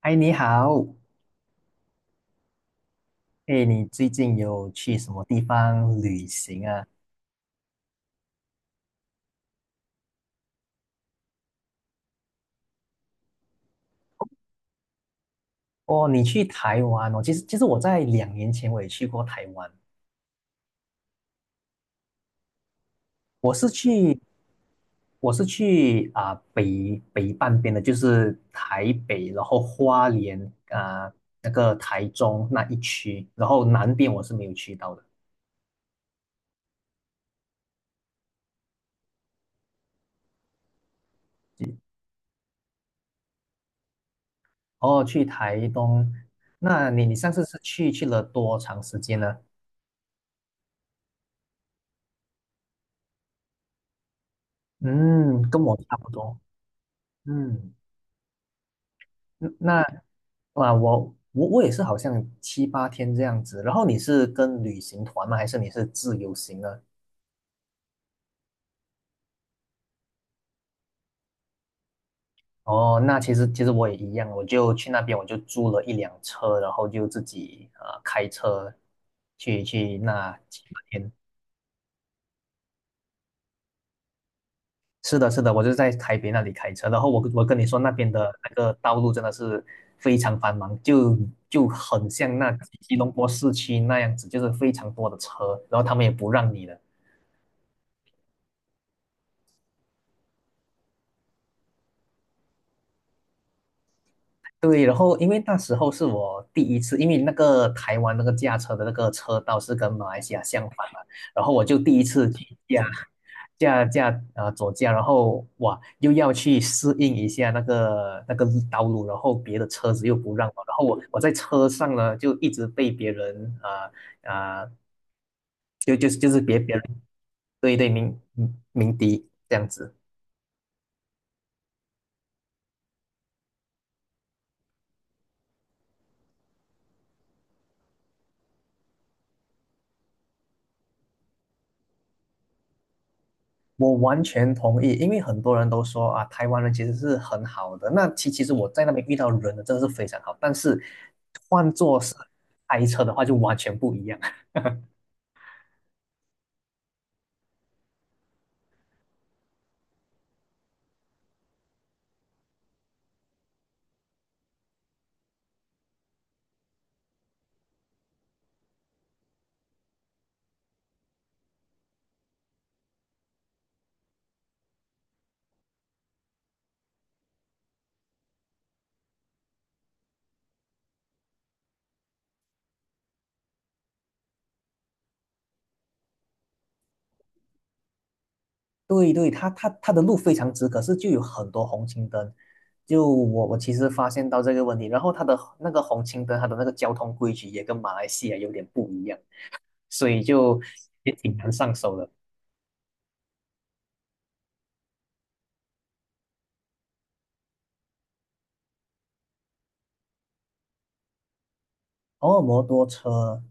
嗨，你好，哎，你最近有去什么地方旅行啊？哦，你去台湾哦。其实我在两年前我也去过台湾。我是去我是去啊、北半边的，就是台北，然后花莲啊、那个台中那一区，然后南边我是没有去到的。哦，去台东，那你上次是去了多长时间呢？嗯，跟我差不多。嗯。嗯那哇，我也是好像七八天这样子。然后你是跟旅行团吗？还是你是自由行呢？哦，那其实我也一样，我就去那边，我就租了一辆车，然后就自己开车去那七八天。是的，是的，我就在台北那里开车，然后我跟你说那边的那个道路真的是非常繁忙，就很像那吉隆坡市区那样子，就是非常多的车，然后他们也不让你的。对，然后因为那时候是我第一次，因为那个台湾那个驾车的那个车道是跟马来西亚相反嘛，然后我就第一次去驾驾驾呃左驾，然后哇又要去适应一下那个道路，然后别的车子又不让我，然后我在车上呢就一直被别人啊、呃呃就是别人对对鸣笛这样子。我完全同意，因为很多人都说啊，台湾人其实是很好的。那其实我在那边遇到人呢，真的是非常好。但是换做是开车的话，就完全不一样。对对，他的路非常直，可是就有很多红绿灯。就我其实发现到这个问题，然后他的那个红绿灯，他的那个交通规矩也跟马来西亚有点不一样，所以就也挺难上手的。哦，摩托车，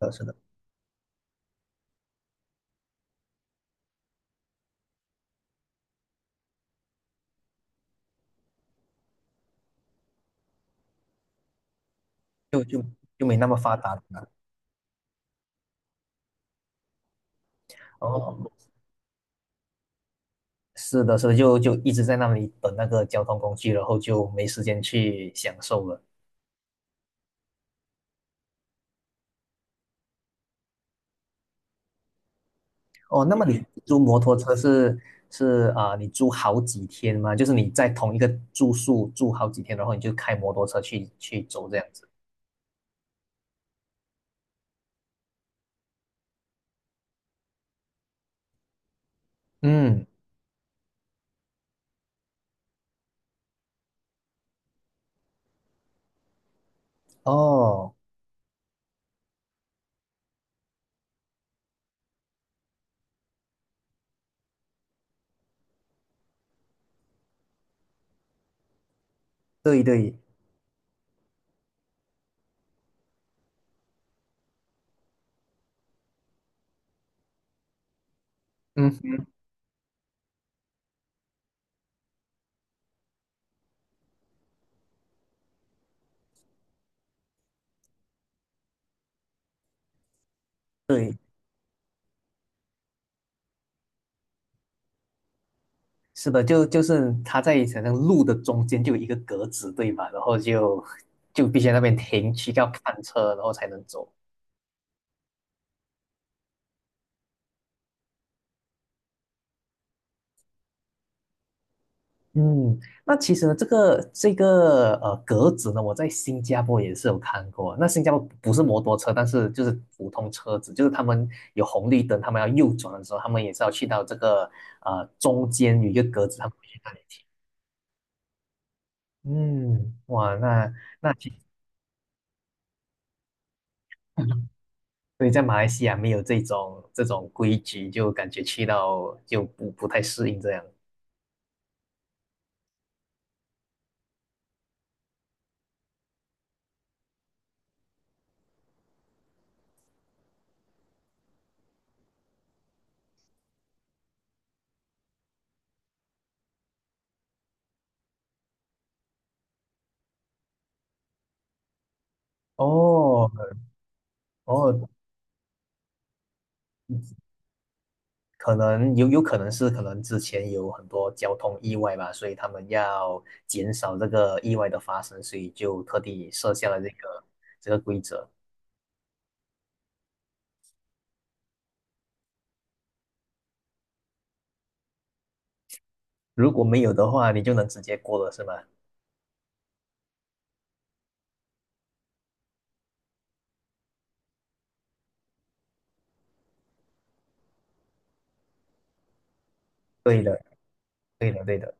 是的，就就就没那么发达了。哦，是的，所以就一直在那里等那个交通工具，然后就没时间去享受了。哦，那么你租摩托车你租好几天吗？就是你在同一个住宿住好几天，然后你就开摩托车去走这样子。嗯，哦，对对，嗯，对，是的，就是它在好像路的中间就有一个格子，对吧？然后就必须在那边停，去要看车，然后才能走。嗯，那其实呢，这个格子呢，我在新加坡也是有看过。那新加坡不是摩托车，但是就是普通车子，就是他们有红绿灯，他们要右转的时候，他们也是要去到这个中间有一个格子，他们会去那里停。嗯，哇，那其实 所以在马来西亚没有这种规矩，就感觉去到就不太适应这样。哦哦，可能有可能是可能之前有很多交通意外吧，所以他们要减少这个意外的发生，所以就特地设下了这个规则。如果没有的话，你就能直接过了，是吗？对的，对的，对的。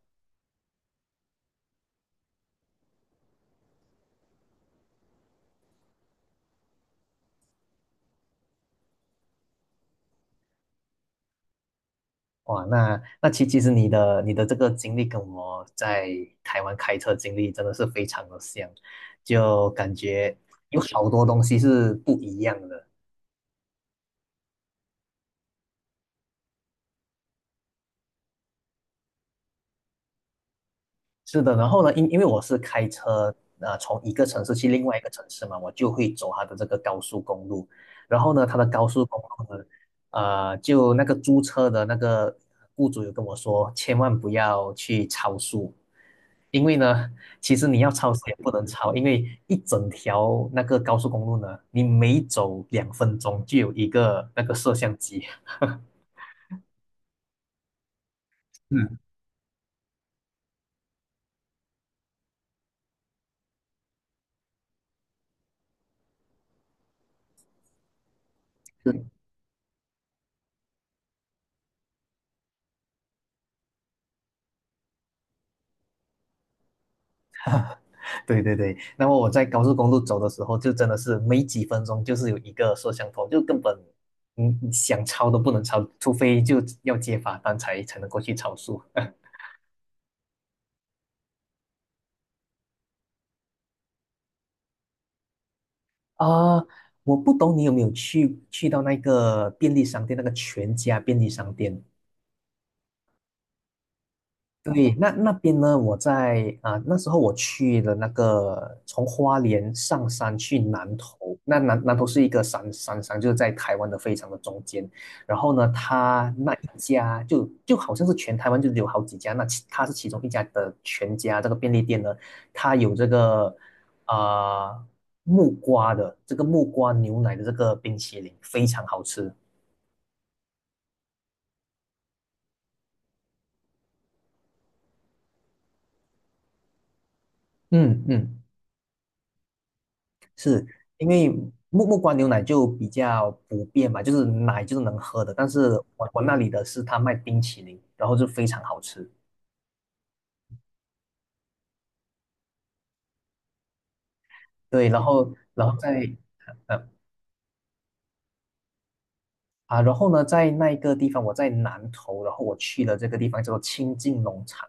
哇，那其实你的这个经历跟我在台湾开车经历真的是非常的像，就感觉有好多东西是不一样的。是的，然后呢，因为我是开车，从一个城市去另外一个城市嘛，我就会走它的这个高速公路。然后呢，它的高速公路呢，就那个租车的那个雇主有跟我说，千万不要去超速，因为呢，其实你要超速也不能超，因为一整条那个高速公路呢，你每走2分钟就有一个那个摄像机。嗯，对对对对，那么我在高速公路走的时候，就真的是没几分钟，就是有一个摄像头，就根本想超都不能超，除非就要接罚单才能够去超速。啊，我不懂你有没有去到那个便利商店，那个全家便利商店。对，那那边呢？我在啊、那时候我去了那个从花莲上山去南投，那南投是一个山上，就是在台湾的非常的中间。然后呢，他那一家就好像是全台湾就有好几家，那其他是其中一家的全家这个便利店呢，它有啊、木瓜的这个木瓜牛奶的这个冰淇淋，非常好吃。嗯嗯，因为木瓜牛奶就比较普遍嘛，就是奶就是能喝的，但是我那里的是他卖冰淇淋，然后就非常好吃。对，然后呃然后呢，在那一个地方，我在南头，然后我去了这个地方叫做清境农场。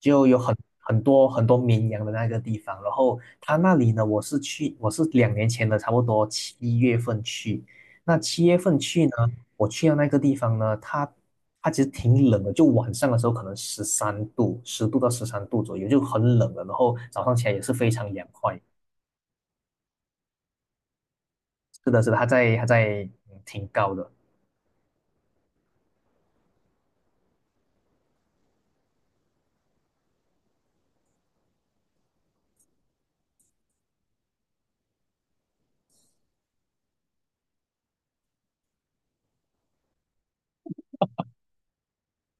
就有很多很多绵羊的那个地方。然后他那里呢，我是两年前的，差不多七月份去。那七月份去呢，我去到那个地方呢，它其实挺冷的，就晚上的时候可能十三度，10度到十三度左右，就很冷了。然后早上起来也是非常凉快。是的，是的，它在挺高的。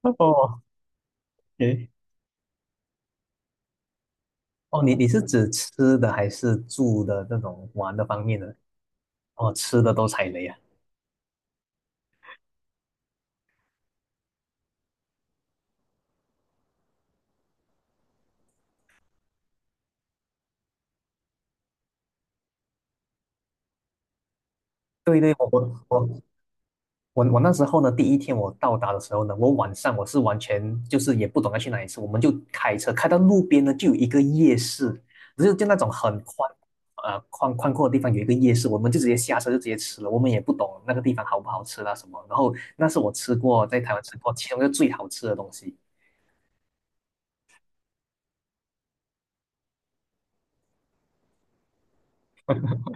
哦，诶，哦，你是指吃的还是住的这种玩的方面呢？哦，吃的都踩雷啊！对对，我那时候呢，第一天我到达的时候呢，我晚上我是完全就是也不懂得去哪里吃，我们就开车开到路边呢，就有一个夜市，就是就那种很宽，宽阔的地方有一个夜市，我们就直接下车就直接吃了，我们也不懂那个地方好不好吃啦什么，然后那是我吃过在台湾吃过其中一个最好吃的东西。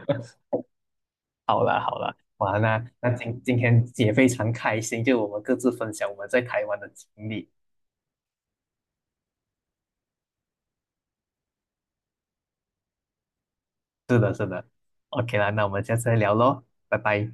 完了，那今天也非常开心，就我们各自分享我们在台湾的经历。是的，是的。OK 啦，那我们下次再聊喽，拜拜。